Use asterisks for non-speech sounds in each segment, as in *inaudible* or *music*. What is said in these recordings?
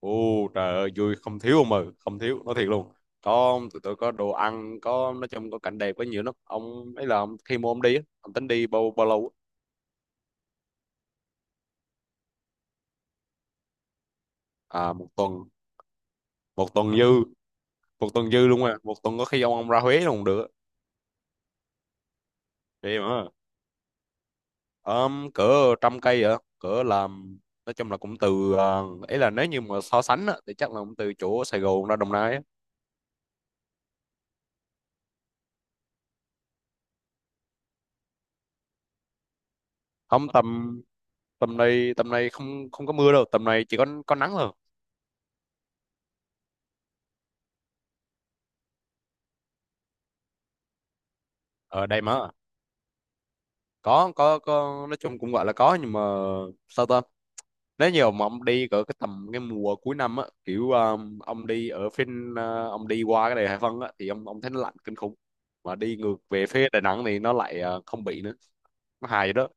Ồ Trời ơi, vui không thiếu ông mừ, không thiếu, nói thiệt luôn. Có, tụi tôi có đồ ăn, có, nói chung có cảnh đẹp, có nhiều lắm ông. Ấy là ông, khi mà ông đi á, ông tính đi bao bao lâu á? À, một tuần. Một tuần dư. Một tuần dư luôn. À, một tuần có khi ông ra Huế luôn cũng được. Vậy mà cỡ trăm cây vậy, cỡ làm, nói chung là cũng từ ấy là nếu như mà so sánh á, thì chắc là cũng từ chỗ Sài Gòn ra Đồng Nai á. Không, tầm tầm này, tầm này không không có mưa đâu, tầm này chỉ có nắng thôi. Ở đây mà có, nói chung cũng gọi là có nhưng mà sao ta, nếu nhiều mà ông đi cỡ cái tầm cái mùa cuối năm á, kiểu ông đi ở phía ông đi qua cái đèo Hải Vân á thì ông thấy nó lạnh kinh khủng, mà đi ngược về phía Đà Nẵng thì nó lại không bị nữa. Nó hài vậy đó.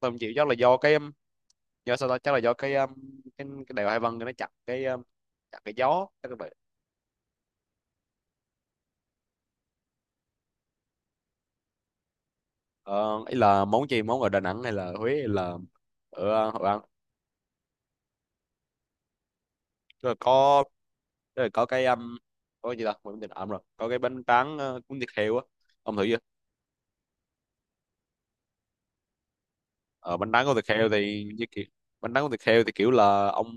Tôi không chịu, chắc là do cái do sao ta, chắc là do cái đèo Hải Vân nó chặn cái gió, chắc là vậy. Ờ, ý là món gì, món ở Đà Nẵng hay là Huế hay là ở Hội An? Rồi có, rồi có cái gì ta, quên mất ẩm rồi, có cái bánh tráng cuốn thịt heo á, ông thử chưa? Ờ, bánh tráng cuốn thịt heo thì như kiểu, bánh tráng cuốn thịt heo thì kiểu là ông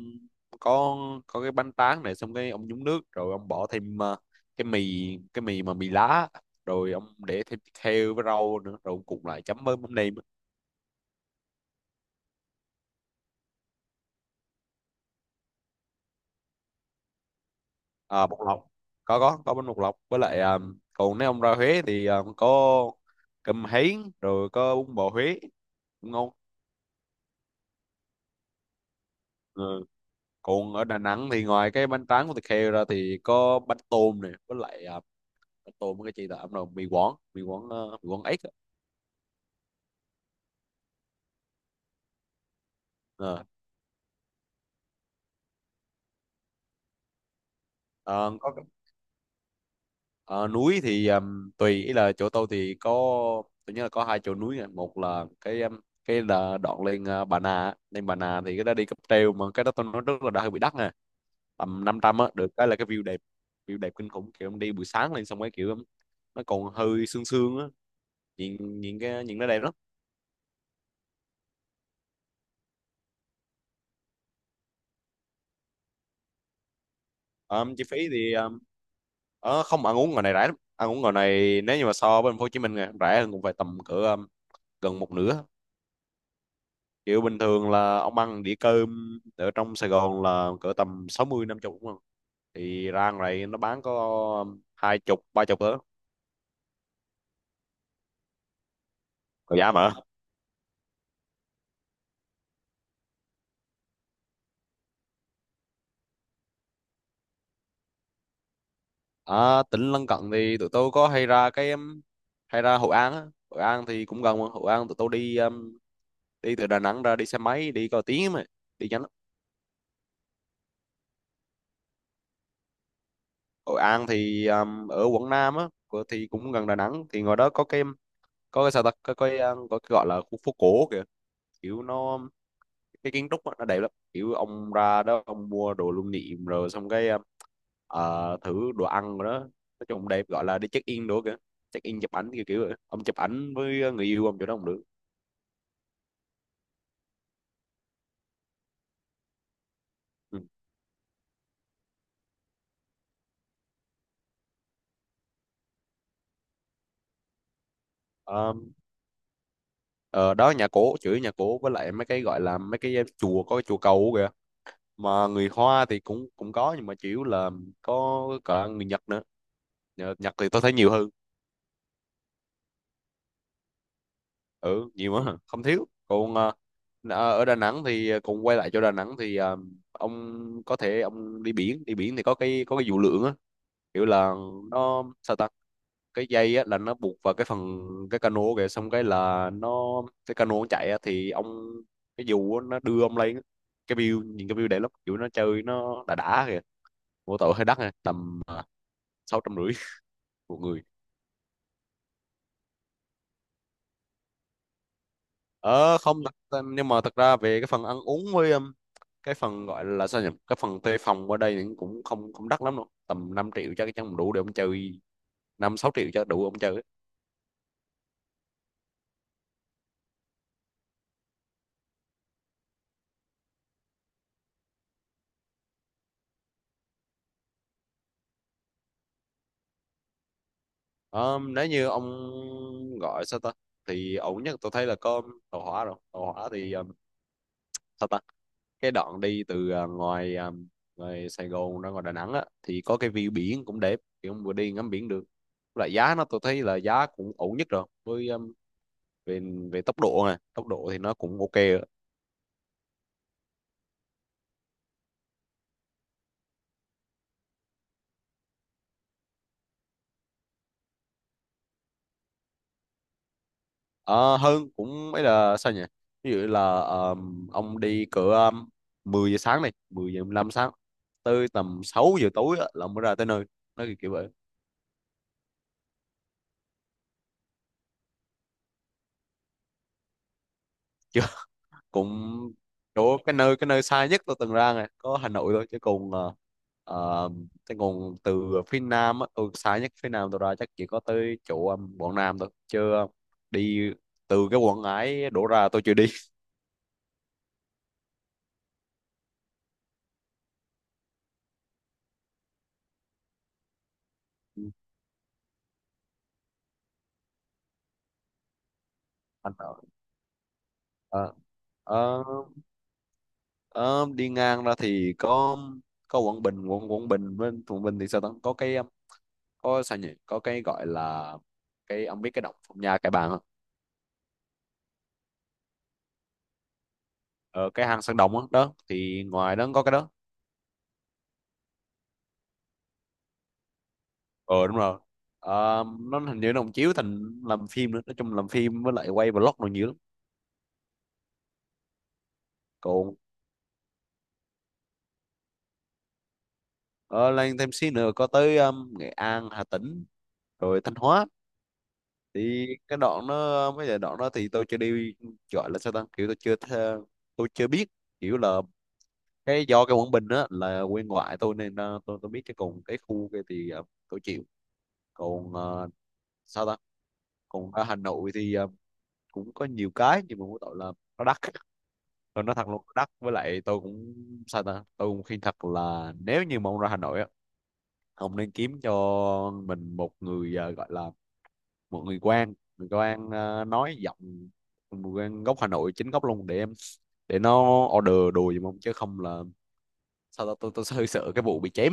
có có, cái bánh tráng này xong cái ông nhúng nước, rồi ông bỏ thêm cái mì, cái mì mà mì lá, rồi ông để thêm thịt heo với rau nữa, rồi ông cùng lại chấm với mắm nêm á. À, bột lọc, có bánh bột lọc với lại còn nếu ông ra Huế thì có cơm hến rồi có bún bò Huế, cũng ngon. Ờ. Còn ở Đà Nẵng thì ngoài cái bánh tráng của thịt heo ra thì có bánh tôm này, với lại bánh tôm với cái chi là ẩm rồi, mì Quảng ếch á. Ờ, ờ, núi thì tùy, ý là chỗ tôi thì có, tôi nhớ là có hai chỗ núi nè. Một là cái là đoạn lên Bà Nà á. Lên Bà Nà thì cái đó đi cáp treo, mà cái đó tôi nói rất là đã, hơi bị đắt nè, tầm 500 á, được cái là cái view đẹp, view đẹp kinh khủng, kiểu em đi buổi sáng lên, xong cái kiểu nó còn hơi sương sương á, nhìn nhìn cái nhìn nó đẹp lắm. Ờ, chi phí thì, Ờ, không, ăn uống ngoài này rẻ lắm, ăn uống ngoài này nếu như mà so với thành phố Hồ Chí Minh này, rẻ hơn cũng phải tầm cỡ gần một nửa. Kiểu bình thường là ông ăn đĩa cơm ở trong Sài Gòn là cỡ tầm 60 50 đúng không, thì ra ngoài này nó bán có hai chục ba chục nữa. Còn giá mà. À, tỉnh lân cận thì tụi tôi có hay ra cái hay ra Hội An á. Hội An thì cũng gần mà. Hội An tụi tôi đi đi từ Đà Nẵng ra đi xe máy đi có tiếng mà, đi nhanh lắm. Hội An thì ở quận Nam á thì cũng gần Đà Nẵng, thì ngoài đó có cái, sao ta, có có cái gọi là khu phố cổ kìa, kiểu nó cái kiến trúc á, nó đẹp lắm, kiểu ông ra đó ông mua đồ lưu niệm, rồi xong cái thử đồ ăn rồi đó, nói chung đẹp gọi là đi check in đồ kìa, check in chụp ảnh kiểu kiểu vậy. Ông chụp ảnh với người yêu ông chỗ đó cũng được. Ừ. Ờ, ờ, Đó, nhà cổ chửi nhà cổ với lại mấy cái gọi là mấy cái chùa, có cái chùa cầu kìa, mà người Hoa thì cũng cũng có nhưng mà chủ yếu là có cả người Nhật nữa. Nhật thì tôi thấy nhiều hơn. Ừ, nhiều quá, không thiếu. Còn ở Đà Nẵng thì, còn quay lại cho Đà Nẵng thì ông có thể ông đi biển, đi biển thì có cái dù lượn á, kiểu là nó sao ta, cái dây á là nó buộc vào cái phần cái cano kìa, xong cái là nó cái cano nó chạy á thì ông cái dù á, nó đưa ông lên á. Cái view nhìn cái view đẹp lắm, kiểu nó chơi nó đã kìa. Mỗi tội hơi đắt nè, tầm 650 *laughs* một người. Ờ Không, thật, nhưng mà thật ra về cái phần ăn uống với cái phần gọi là sao nhỉ, cái phần thuê phòng ở đây thì cũng không không đắt lắm đâu, tầm 5 triệu chắc chắn đủ để ông chơi, năm sáu triệu cho đủ ông chơi ấy. Ờ, nếu như ông gọi sao ta, thì ổn nhất tôi thấy là có tàu hỏa, rồi tàu hỏa thì sao ta, cái đoạn đi từ ngoài Sài Gòn ra ngoài Đà Nẵng á thì có cái view biển cũng đẹp, thì ông vừa đi ngắm biển được, lại giá nó tôi thấy là giá cũng ổn nhất rồi, với về về tốc độ này, tốc độ thì nó cũng ok ạ. Ờ, hơn cũng ấy là sao nhỉ, ví dụ là ông đi cỡ 10 giờ sáng này, 10 giờ 15 sáng, tới tầm 6 giờ tối á, là mới ra tới nơi, nó kiểu vậy. Chứ *laughs* cũng, chỗ cái nơi xa nhất tôi từng ra này có Hà Nội thôi, chứ còn ờ, chứ còn từ phía Nam á, tôi xa nhất phía Nam tôi ra chắc chỉ có tới chỗ Quảng Nam thôi, chứ đi từ cái Quảng Ngãi đổ ra tôi chưa đi. *laughs* Anh nào? Ờ, ờ, Đi ngang ra thì có Quảng Bình, quận Quảng Bình với, Quảng Bình thì sao ta, có cái có sao nhỉ, có cái gọi là cái, ông biết cái động Phong Nha Kẻ Bàng không? Ờ, cái hang Sơn Đồng đó, đó thì ngoài đó có cái đó. Ờ Đúng rồi. Ờ, nó hình như nó cũng chiếu thành làm phim nữa, nói chung làm phim với lại quay vlog rồi nhiều lắm. Còn ờ, lên thêm xí nữa có tới Nghệ An, Hà Tĩnh rồi Thanh Hóa, thì cái đoạn đó, mấy cái đoạn đó thì tôi chưa đi, gọi là sao ta, kiểu tôi chưa biết, kiểu là do cái Quảng Bình á là quê ngoại tôi nên tôi biết cái, còn cái khu kia thì tôi chịu. Còn sao ta, còn ở Hà Nội thì cũng có nhiều cái nhưng mà mỗi tội là nó đắt, tôi nói thật luôn nó đắt, với lại tôi cũng sao ta, tôi cũng khuyên thật là nếu như mà ông ra Hà Nội á, ông nên kiếm cho mình một người gọi là một người quan, nói giọng người quan gốc Hà Nội chính gốc luôn, để nó order đồ giùm ông chứ không là sao tao, tôi hơi sợ cái vụ bị chém.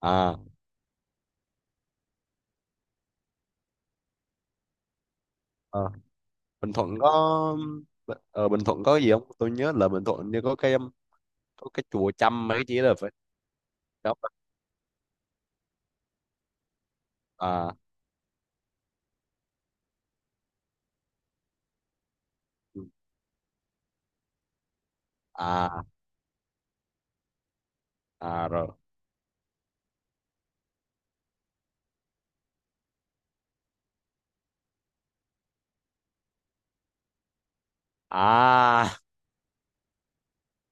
À, ờ, Bình Thuận có, ờ, Bình Thuận có gì không, tôi nhớ là Bình Thuận như có cái chùa Chăm mấy cái gì là phải. Đó. À. À. À rồi. À.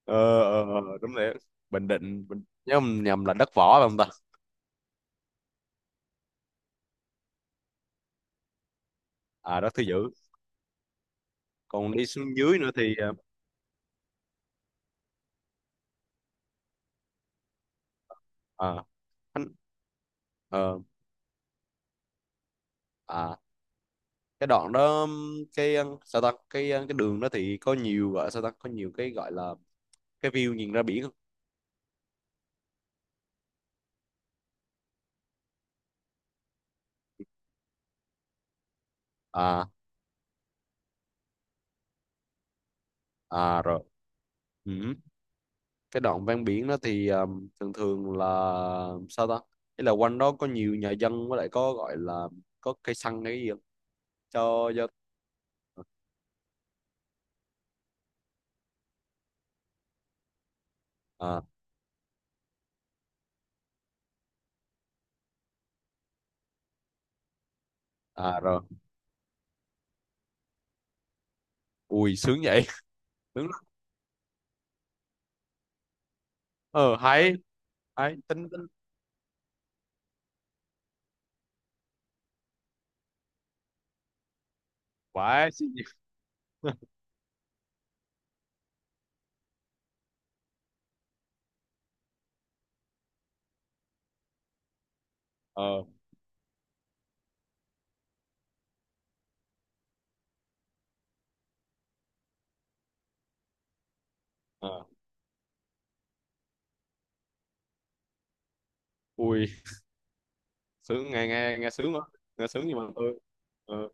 Ờ. Đúng rồi, Bình Định, Bình... nhớ không nhầm là đất võ phải không ta? À, đất thứ dữ. Còn đi xuống dưới nữa thì à, Khánh. Ờ. À. Cái đoạn đó, cái sao ta, cái đường đó thì có nhiều, gọi sao ta, có nhiều cái gọi là cái view nhìn ra biển không? À. À rồi. Ừ. Cái đoạn ven biển đó thì thường thường là sao ta, ý là quanh đó có nhiều nhà dân, với lại có gọi là có cây xăng hay cái gì không? Cho. À. À rồi. Ui, sướng vậy. *laughs* Đúng rồi. Ờ, hay. Hay, tính tính. Quá sướng gì. ờ ờ Ui, sướng, nghe nghe nghe sướng quá, nghe sướng gì mà ừ. Ờ.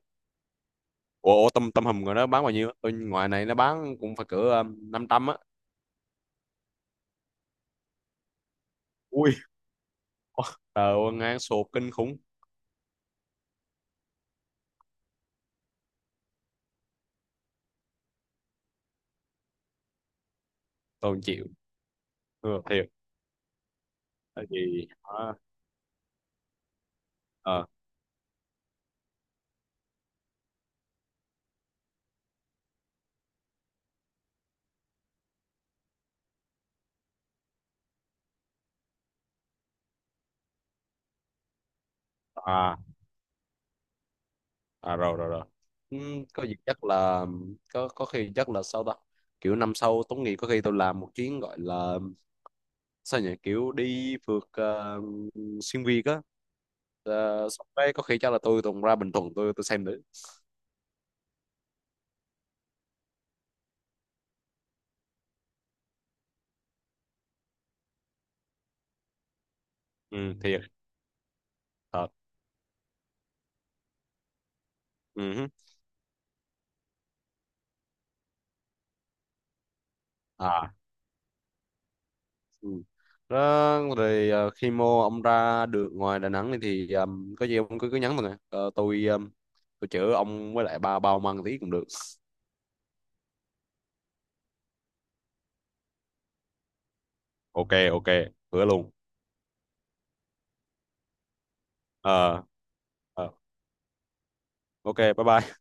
Ủa, tôm tôm hùm rồi nó bán bao nhiêu, tôi ngoài này nó bán cũng phải cỡ 500 á. Ui, ờ ngang sụp kinh khủng, tôi không chịu. Ừ, thiệt. Tại vì ờ, à, à rồi. Rồi rồi Ừ, có gì chắc là, có khi chắc là sao ta, kiểu năm sau tốt nghiệp có khi tôi làm một chuyến, gọi là sao nhỉ, kiểu đi phượt xuyên Việt á. Ờ, xong đấy có khi chắc là tôi tuần ra Bình Thuận, tôi xem thử. Ừ, thiệt. Thật. Ừ. Hứ. À. Ừ. Đó, rồi khi mô ông ra được ngoài Đà Nẵng này thì có gì ông cứ cứ nhắn mình à. Ờ, tôi chữa ông với lại ba bao măng tí cũng được. Ok, ok. Hứa luôn. ờ ờ, ok, bye bye.